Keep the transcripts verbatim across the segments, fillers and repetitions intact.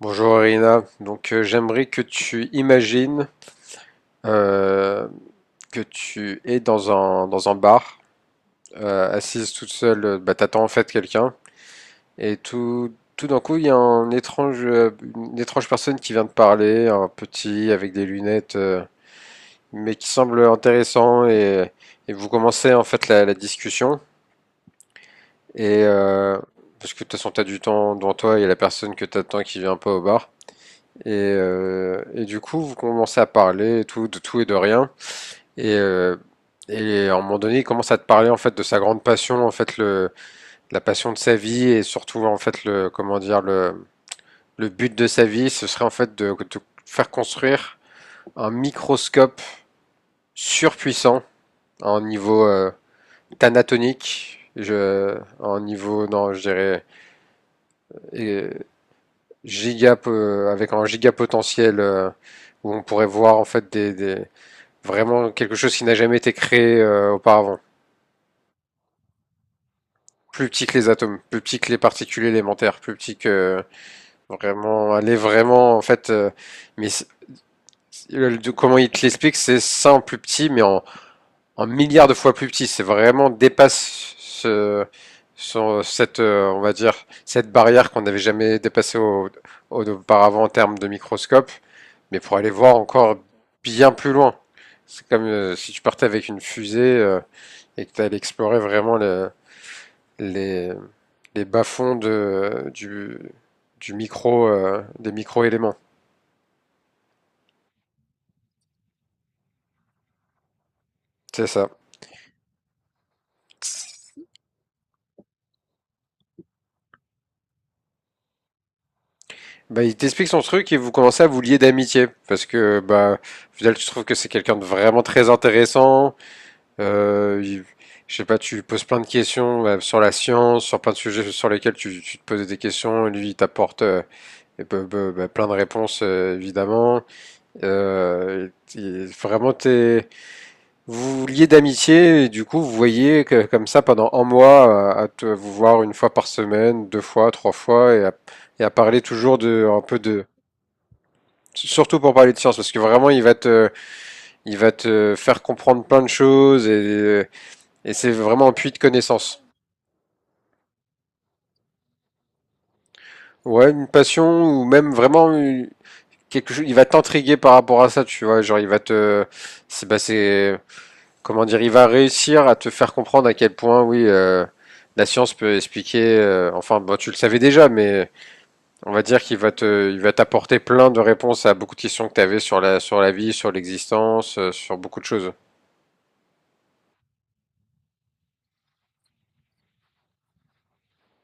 Bonjour Irina, donc euh, j'aimerais que tu imagines euh, que tu es dans un, dans un bar, euh, assise toute seule, euh, bah, t'attends en fait quelqu'un, et tout, tout d'un coup il y a un étrange, euh, une étrange personne qui vient te parler, un petit avec des lunettes, euh, mais qui semble intéressant, et, et vous commencez en fait la, la discussion, et euh, parce que de toute façon t'as du temps devant toi, il y a la personne que t'attends qui vient pas au bar. Et, euh, et du coup, vous commencez à parler et tout, de tout et de rien. Et, euh, et à un moment donné, il commence à te parler en fait de sa grande passion, en fait le, la passion de sa vie et surtout en fait le, comment dire, le, le but de sa vie, ce serait en fait de, de faire construire un microscope surpuissant à un niveau euh, thanatonique, je, à un niveau, non, je dirais, euh, giga, euh, avec un giga potentiel euh, où on pourrait voir en fait des, des, vraiment quelque chose qui n'a jamais été créé euh, auparavant. Plus petit que les atomes, plus petit que les particules élémentaires, plus petit que vraiment aller vraiment en fait. Euh, mais c'est- le- de- comment il te l'explique, c'est ça en plus petit, mais en, en milliards de fois plus petit. C'est vraiment dépasse ce, ce- cette euh, on va dire cette barrière qu'on n'avait jamais dépassée au- au- auparavant en termes de microscope, mais pour aller voir encore bien plus loin. C'est comme euh, si tu partais avec une fusée. Euh, et que tu allais explorer vraiment le- les, les bas-fonds de, du, du micro, euh, des micro-éléments. C'est ça. Bah, il t'explique son truc et vous commencez à vous lier d'amitié parce que bah au final, tu trouves que c'est quelqu'un de vraiment très intéressant. Euh, il- je sais pas, tu lui poses plein de questions bah, sur la science, sur plein de sujets sur lesquels tu, tu te posais des questions. Et lui, il t'apporte euh, et bah, bah, bah, plein de réponses euh, évidemment. Euh, il- il- vraiment, t'es vous vous liez d'amitié et du coup vous voyez que, comme ça pendant un mois à, à te- vous voir une fois par semaine, deux fois, trois fois et à, et à parler toujours de un peu de surtout pour parler de science parce que vraiment il va te il va te faire comprendre plein de choses et, et c'est vraiment un puits de connaissances. Ouais, une passion ou même vraiment une- quelque chose, il va t'intriguer par rapport à ça, tu vois, genre il va te c'est bah c'est comment dire, il va réussir à te faire comprendre à quel point, oui, euh, la science peut expliquer. Euh, enfin, bon, tu le savais déjà, mais on va dire qu'il va te, il va t'apporter plein de réponses à beaucoup de questions que tu avais sur la, sur la vie, sur l'existence, euh, sur beaucoup de choses.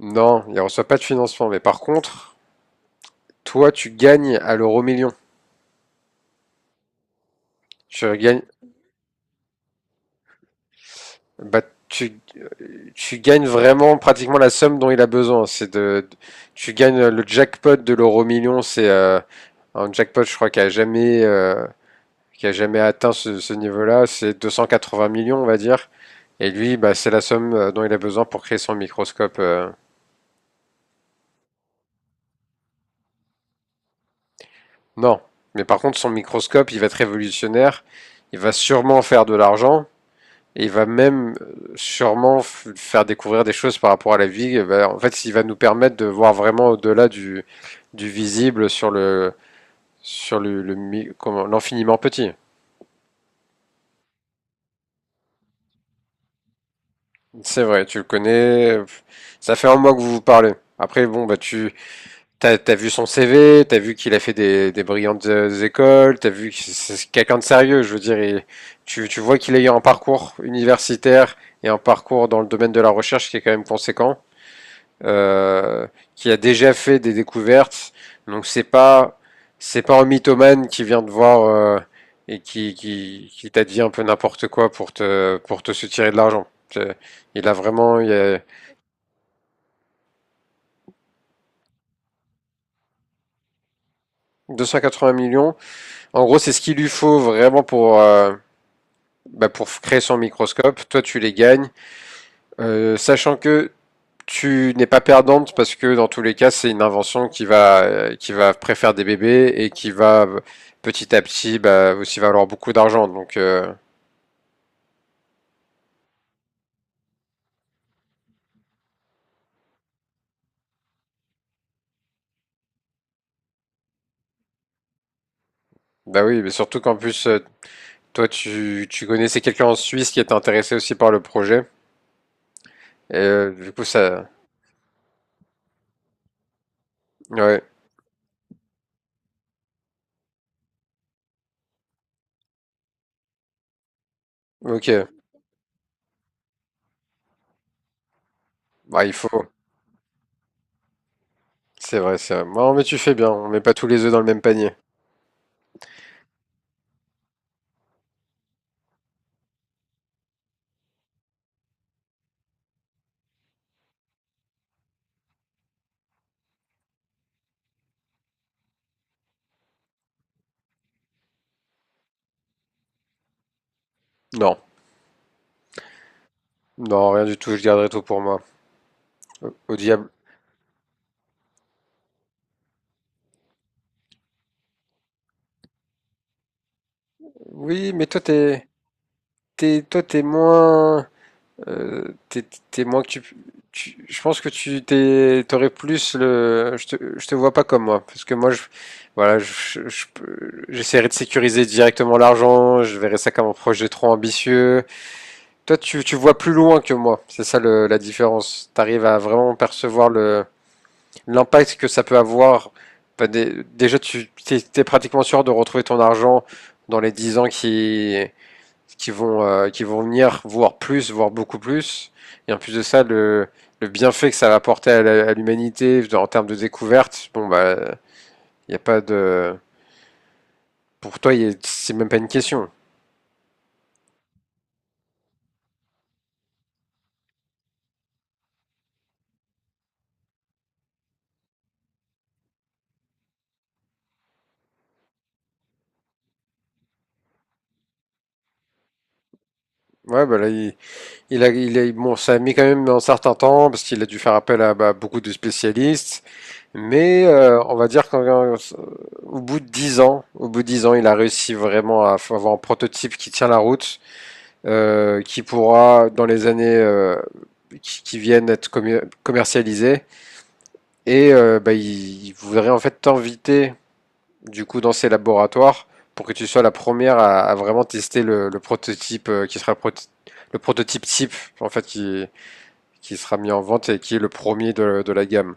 Non, il ne reçoit pas de financement, mais par contre, toi, tu gagnes à l'euro million. Tu gagnes, bah, tu, tu gagnes vraiment pratiquement la somme dont il a besoin. C'est de, tu gagnes le jackpot de l'euro million, c'est euh, un jackpot, je crois, qui a jamais, euh, qui a jamais atteint ce, ce niveau-là, c'est deux cent quatre-vingts millions, on va dire. Et lui, bah, c'est la somme euh, dont il a besoin pour créer son microscope. euh, Non, mais par contre, son microscope, il va être révolutionnaire. Il va sûrement faire de l'argent. Et il va même euh, sûrement faire découvrir des choses par rapport à la vie. Bah, en fait, il va nous permettre de voir vraiment au-delà du, du visible sur le sur le, le comment- l'infiniment petit. C'est vrai, tu le connais. euh, Ça fait un mois que vous vous parlez. Après, bon, bah tu T'as as vu son C V, t'as vu qu'il a fait des, des brillantes euh, écoles, t'as vu que c'est quelqu'un de sérieux, je veux dire. Il- tu, tu vois qu'il a eu un parcours universitaire et un parcours dans le domaine de la recherche qui est quand même conséquent, euh, qui a déjà fait des découvertes. Donc c'est pas c'est pas un mythomane qui vient te voir euh, et qui, qui, qui t'a dit un peu n'importe quoi pour te pour te soutirer de l'argent. C'est- il a vraiment il y a deux cent quatre-vingts millions. En gros, c'est ce qu'il lui faut vraiment pour euh, bah, pour créer son microscope. Toi, tu les gagnes, euh, sachant que tu n'es pas perdante parce que dans tous les cas, c'est une invention qui va, euh, qui va préfère des bébés et qui va euh, petit à petit bah, aussi valoir beaucoup d'argent. Donc, euh, bah oui, mais surtout qu'en plus, euh, toi, tu, tu connaissais quelqu'un en Suisse qui était intéressé aussi par le projet. Et euh, du coup, ça. Ouais, ok. Bah, il faut. C'est vrai, c'est vrai. Non, mais tu fais bien. On met pas tous les œufs dans le même panier. Non. Non, rien du tout. Je garderai tout pour moi. Au, au diable. Oui, mais toi t'es t'es toi t'es moins euh, t'es t'es moins que tu, tu- je pense que tu t'es t'aurais plus le je te, je te vois pas comme moi parce que moi je voilà je, je peux- j'essaierai de sécuriser directement l'argent je verrai ça comme un projet trop ambitieux toi tu tu vois plus loin que moi c'est ça le, la différence t'arrives à vraiment percevoir le l'impact que ça peut avoir. Bah, dé- déjà tu t'es t'es pratiquement sûr de retrouver ton argent dans les dix ans qui qui vont, euh, qui vont venir voir plus, voir beaucoup plus. Et en plus de ça, le, le bienfait que ça va apporter à l'humanité en termes de découverte, bon, bah, il n'y a pas de. Pour toi, c'est même pas une question. Ouais, bah là, il, il a, il a- bon, ça a mis quand même un certain temps parce qu'il a dû faire appel à bah, beaucoup de spécialistes. Mais euh, on va dire qu'au bout de dix ans, au bout de dix ans, il a réussi vraiment à avoir un prototype qui tient la route euh, qui pourra dans les années euh, qui, qui viennent être commer- commercialisées. Et euh, bah, ils, ils voudraient en fait t'inviter du coup dans ces laboratoires pour que tu sois la première à, à vraiment tester le, le prototype euh, qui sera pro- le prototype type en fait qui, qui sera mis en vente et qui est le premier de, de la gamme.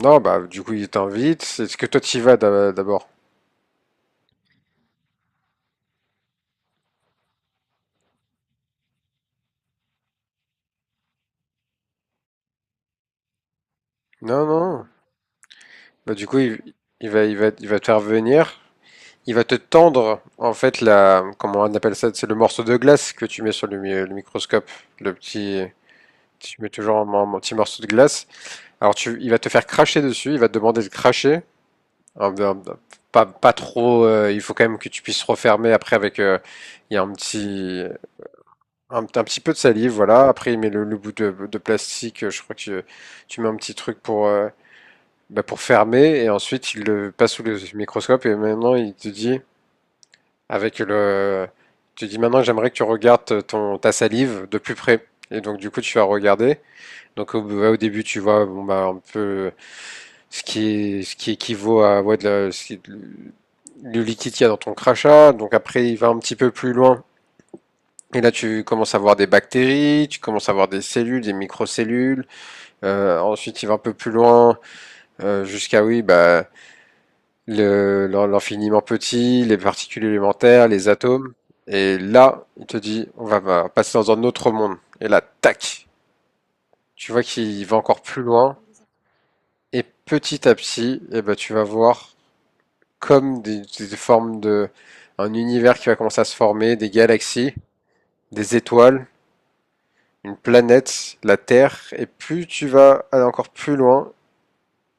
Non, bah du coup il t'invite. Est-ce que toi tu y vas d'abord? Non, non. Bah du coup il, il va, il va, il va te faire venir il va te tendre, en fait, la, comment on appelle ça, c'est le morceau de glace que tu mets sur le, le microscope, le petit, si tu mets toujours un, un un petit morceau de glace. Alors tu, il va te faire cracher dessus, il va te demander de cracher. Pas, pas trop, euh, il faut quand même que tu puisses refermer après avec, euh, il y a un petit, un, un petit peu de salive, voilà. Après il met le, le bout de, de plastique, je crois que tu, tu mets un petit truc pour, euh, bah, pour fermer et ensuite il le passe sous le microscope et maintenant il te dit avec le, tu dis maintenant j'aimerais que tu regardes ton ta salive de plus près. Et donc du coup tu vas regarder. Donc au, ouais, au début tu vois bon bah un peu ce qui ce qui équivaut à ouais, de la- ce qui- le liquide qu'il y a dans ton crachat. Donc après il va un petit peu plus loin. Et là tu commences à voir des bactéries, tu commences à voir des cellules, des microcellules. Euh, ensuite il va un peu plus loin euh, jusqu'à oui bah le- l'en- l'infiniment petit, les particules élémentaires, les atomes. Et là, il te dit, on va va passer dans un autre monde. Et là, tac, tu vois qu'il va encore plus loin. Et petit à petit, eh ben, tu vas voir comme des, des formes de, un univers qui va commencer à se former, des galaxies, des étoiles, une planète, la Terre. Et plus tu vas aller encore plus loin,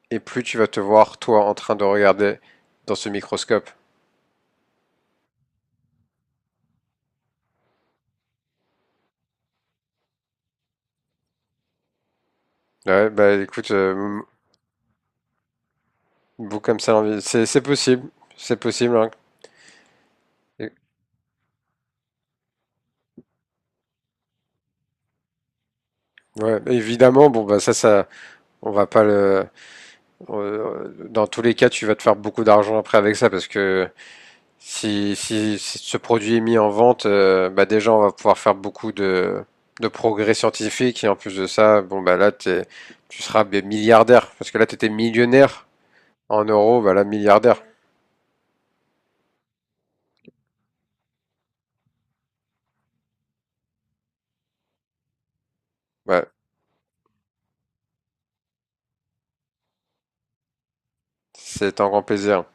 et plus tu vas te voir, toi, en train de regarder dans ce microscope. Ouais, bah écoute, euh, vous comme ça, l'envie- c'est c'est possible, c'est possible. Hein. Et- ouais, évidemment, bon bah ça, ça, on va pas le. Euh, dans tous les cas, tu vas te faire beaucoup d'argent après avec ça parce que si, si, si ce produit est mis en vente, euh, bah déjà on va pouvoir faire beaucoup de de progrès scientifiques et en plus de ça, bon bah là t'es, tu seras bien milliardaire parce que là tu étais millionnaire en euros, bah là milliardaire. Ouais, c'est un grand plaisir.